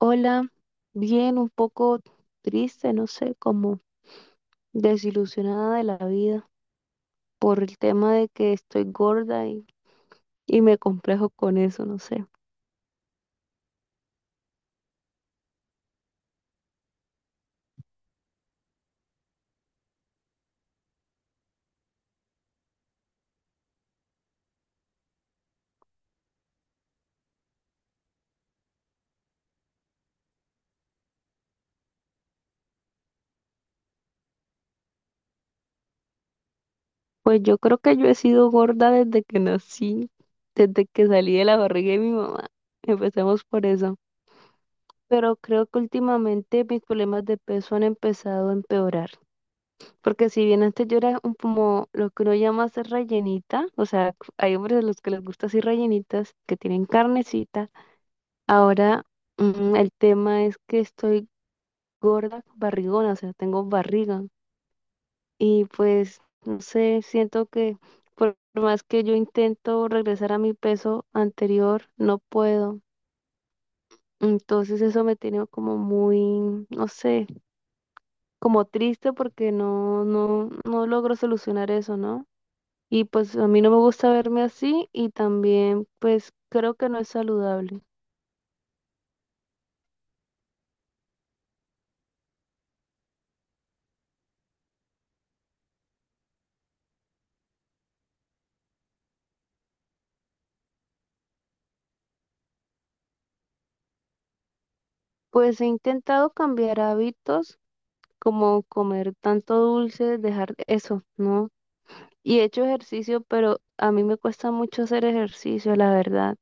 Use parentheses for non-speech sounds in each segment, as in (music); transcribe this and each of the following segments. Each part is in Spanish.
Hola, bien, un poco triste, no sé, como desilusionada de la vida por el tema de que estoy gorda y me complejo con eso, no sé. Pues yo creo que yo he sido gorda desde que nací, desde que salí de la barriga de mi mamá. Empecemos por eso. Pero creo que últimamente mis problemas de peso han empezado a empeorar. Porque si bien antes yo era un, como lo que uno llama ser rellenita, o sea, hay hombres a los que les gusta así rellenitas, que tienen carnecita. Ahora, el tema es que estoy gorda, barrigona, o sea, tengo barriga. Y pues, no sé, siento que por más que yo intento regresar a mi peso anterior, no puedo. Entonces eso me tiene como muy, no sé, como triste porque no, no, no logro solucionar eso, ¿no? Y pues a mí no me gusta verme así y también pues creo que no es saludable. Pues he intentado cambiar hábitos como comer tanto dulce, dejar eso, ¿no? Y he hecho ejercicio, pero a mí me cuesta mucho hacer ejercicio, la verdad.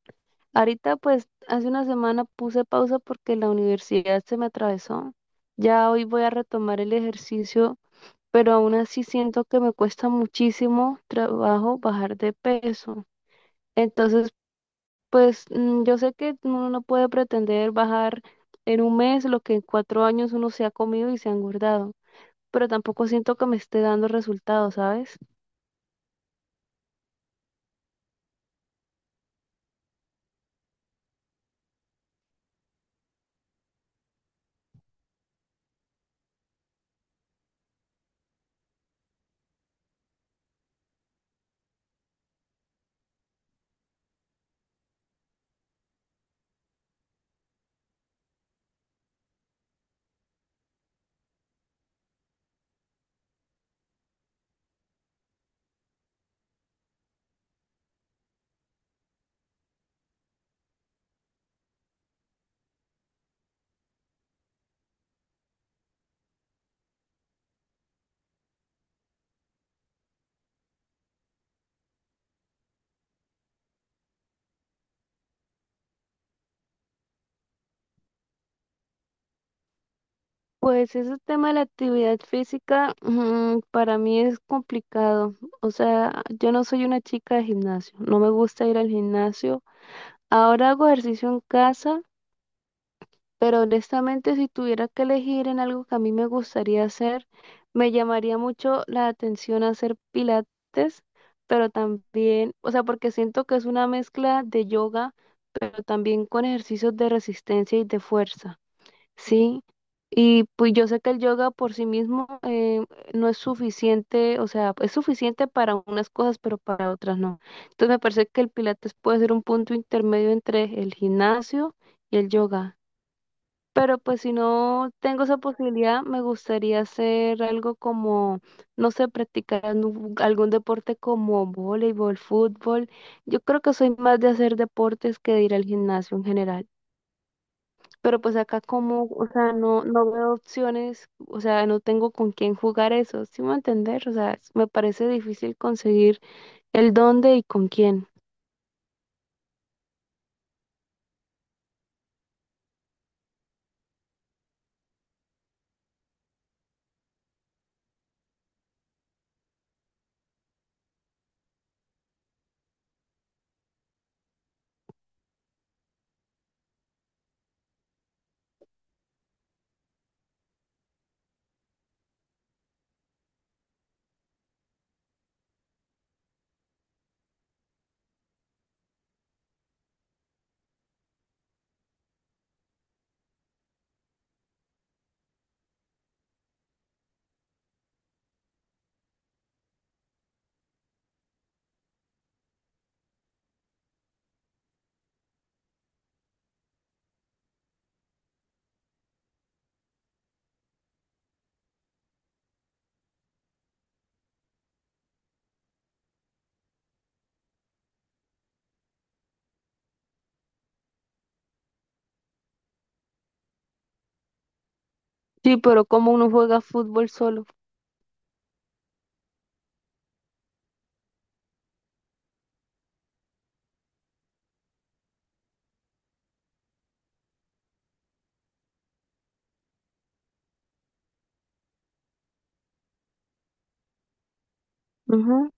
Ahorita, pues, hace una semana puse pausa porque la universidad se me atravesó. Ya hoy voy a retomar el ejercicio, pero aún así siento que me cuesta muchísimo trabajo bajar de peso. Entonces, pues, yo sé que uno no puede pretender bajar en un mes lo que en 4 años uno se ha comido y se ha engordado, pero tampoco siento que me esté dando resultados, ¿sabes? Pues ese tema de la actividad física, para mí es complicado. O sea, yo no soy una chica de gimnasio, no me gusta ir al gimnasio. Ahora hago ejercicio en casa, pero honestamente si tuviera que elegir en algo que a mí me gustaría hacer, me llamaría mucho la atención hacer pilates, pero también, o sea, porque siento que es una mezcla de yoga, pero también con ejercicios de resistencia y de fuerza. Sí, y pues yo sé que el yoga por sí mismo no es suficiente, o sea, es suficiente para unas cosas, pero para otras no. Entonces me parece que el pilates puede ser un punto intermedio entre el gimnasio y el yoga. Pero pues si no tengo esa posibilidad, me gustaría hacer algo como, no sé, practicar algún deporte como voleibol, fútbol. Yo creo que soy más de hacer deportes que de ir al gimnasio en general. Pero pues acá como, o sea, no, no veo opciones, o sea, no tengo con quién jugar eso, ¿sí me va a entender? O sea, es- me parece difícil conseguir el dónde y con quién. Sí, pero como uno juega fútbol solo. Ujú.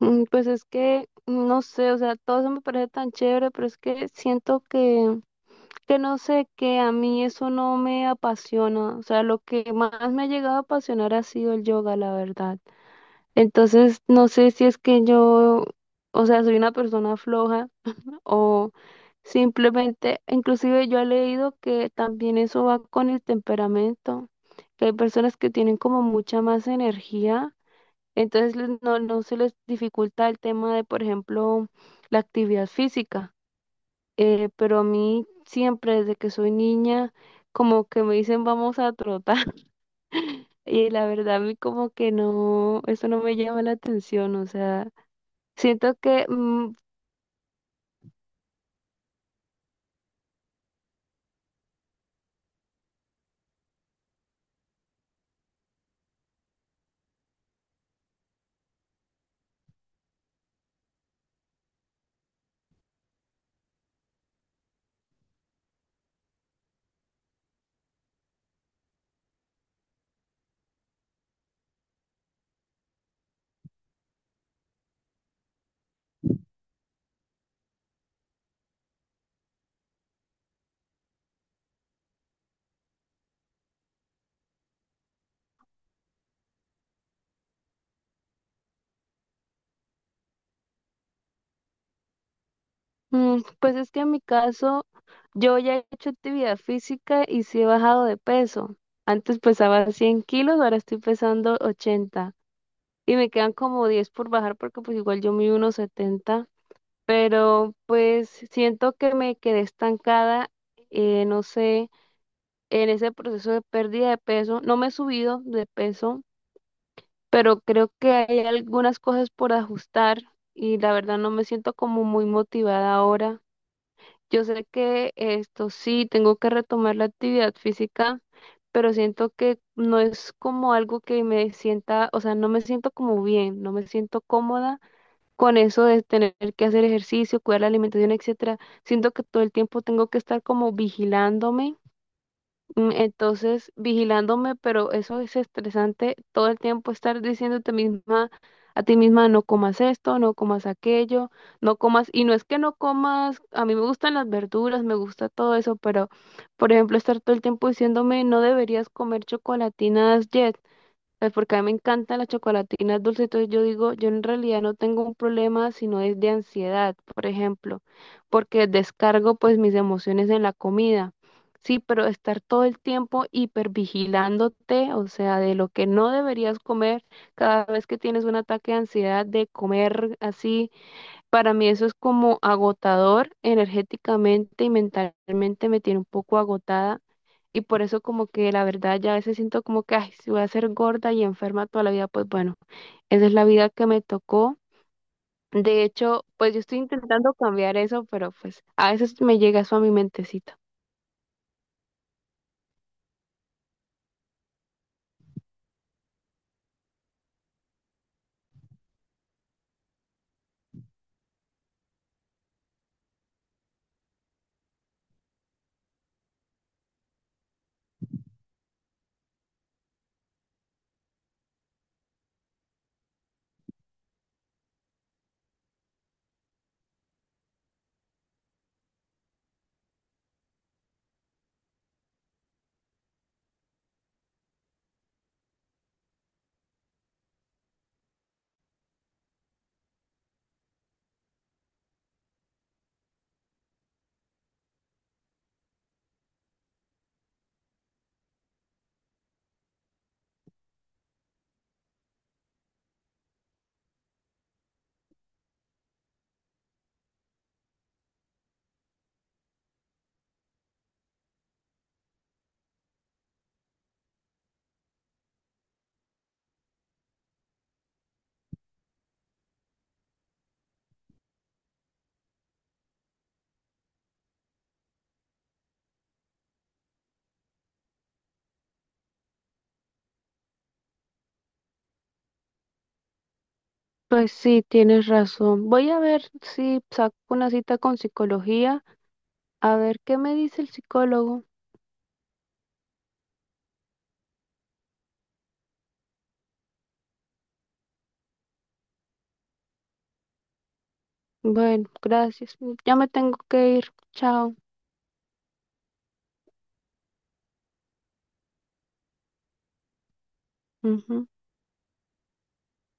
Pues es que, no sé, o sea, todo eso me parece tan chévere, pero es que siento que, no sé, que a mí eso no me apasiona. O sea, lo que más me ha llegado a apasionar ha sido el yoga, la verdad. Entonces, no sé si es que yo, o sea, soy una persona floja o simplemente, inclusive yo he leído que también eso va con el temperamento, que hay personas que tienen como mucha más energía, entonces no, no se les dificulta el tema de, por ejemplo, la actividad física. Pero a mí siempre, desde que soy niña, como que me dicen vamos a trotar. (laughs) Y la verdad, a mí como que no, eso no me llama la atención, o sea, siento que, pues es que en mi caso yo ya he hecho actividad física y sí he bajado de peso. Antes pesaba 100 kilos, ahora estoy pesando 80. Y me quedan como 10 por bajar, porque pues igual yo mido unos 70. Pero pues siento que me quedé estancada, no sé, en ese proceso de pérdida de peso. No me he subido de peso, pero creo que hay algunas cosas por ajustar y la verdad no me siento como muy motivada ahora. Yo sé que esto sí, tengo que retomar la actividad física, pero siento que no es como algo que me sienta, o sea, no me siento como bien, no me siento cómoda con eso de tener que hacer ejercicio, cuidar la alimentación, etcétera. Siento que todo el tiempo tengo que estar como vigilándome. Entonces, vigilándome, pero eso es estresante, todo el tiempo estar diciéndote misma a ti misma, no comas esto, no comas aquello, no comas, y no es que no comas, a mí me gustan las verduras, me gusta todo eso, pero por ejemplo, estar todo el tiempo diciéndome, no deberías comer chocolatinas Jet, pues porque a mí me encantan las chocolatinas dulces, entonces yo digo, yo en realidad no tengo un problema, sino es de ansiedad, por ejemplo, porque descargo pues mis emociones en la comida. Sí, pero estar todo el tiempo hipervigilándote, o sea, de lo que no deberías comer cada vez que tienes un ataque de ansiedad de comer así, para mí eso es como agotador energéticamente y mentalmente me tiene un poco agotada. Y por eso como que la verdad ya a veces siento como que, ay, si voy a ser gorda y enferma toda la vida, pues bueno, esa es la vida que me tocó. De hecho, pues yo estoy intentando cambiar eso, pero pues a veces me llega eso a mi mentecita. Pues sí, tienes razón. Voy a ver si saco una cita con psicología, a ver qué me dice el psicólogo. Bueno, gracias. Ya me tengo que ir. Chao. Ujú.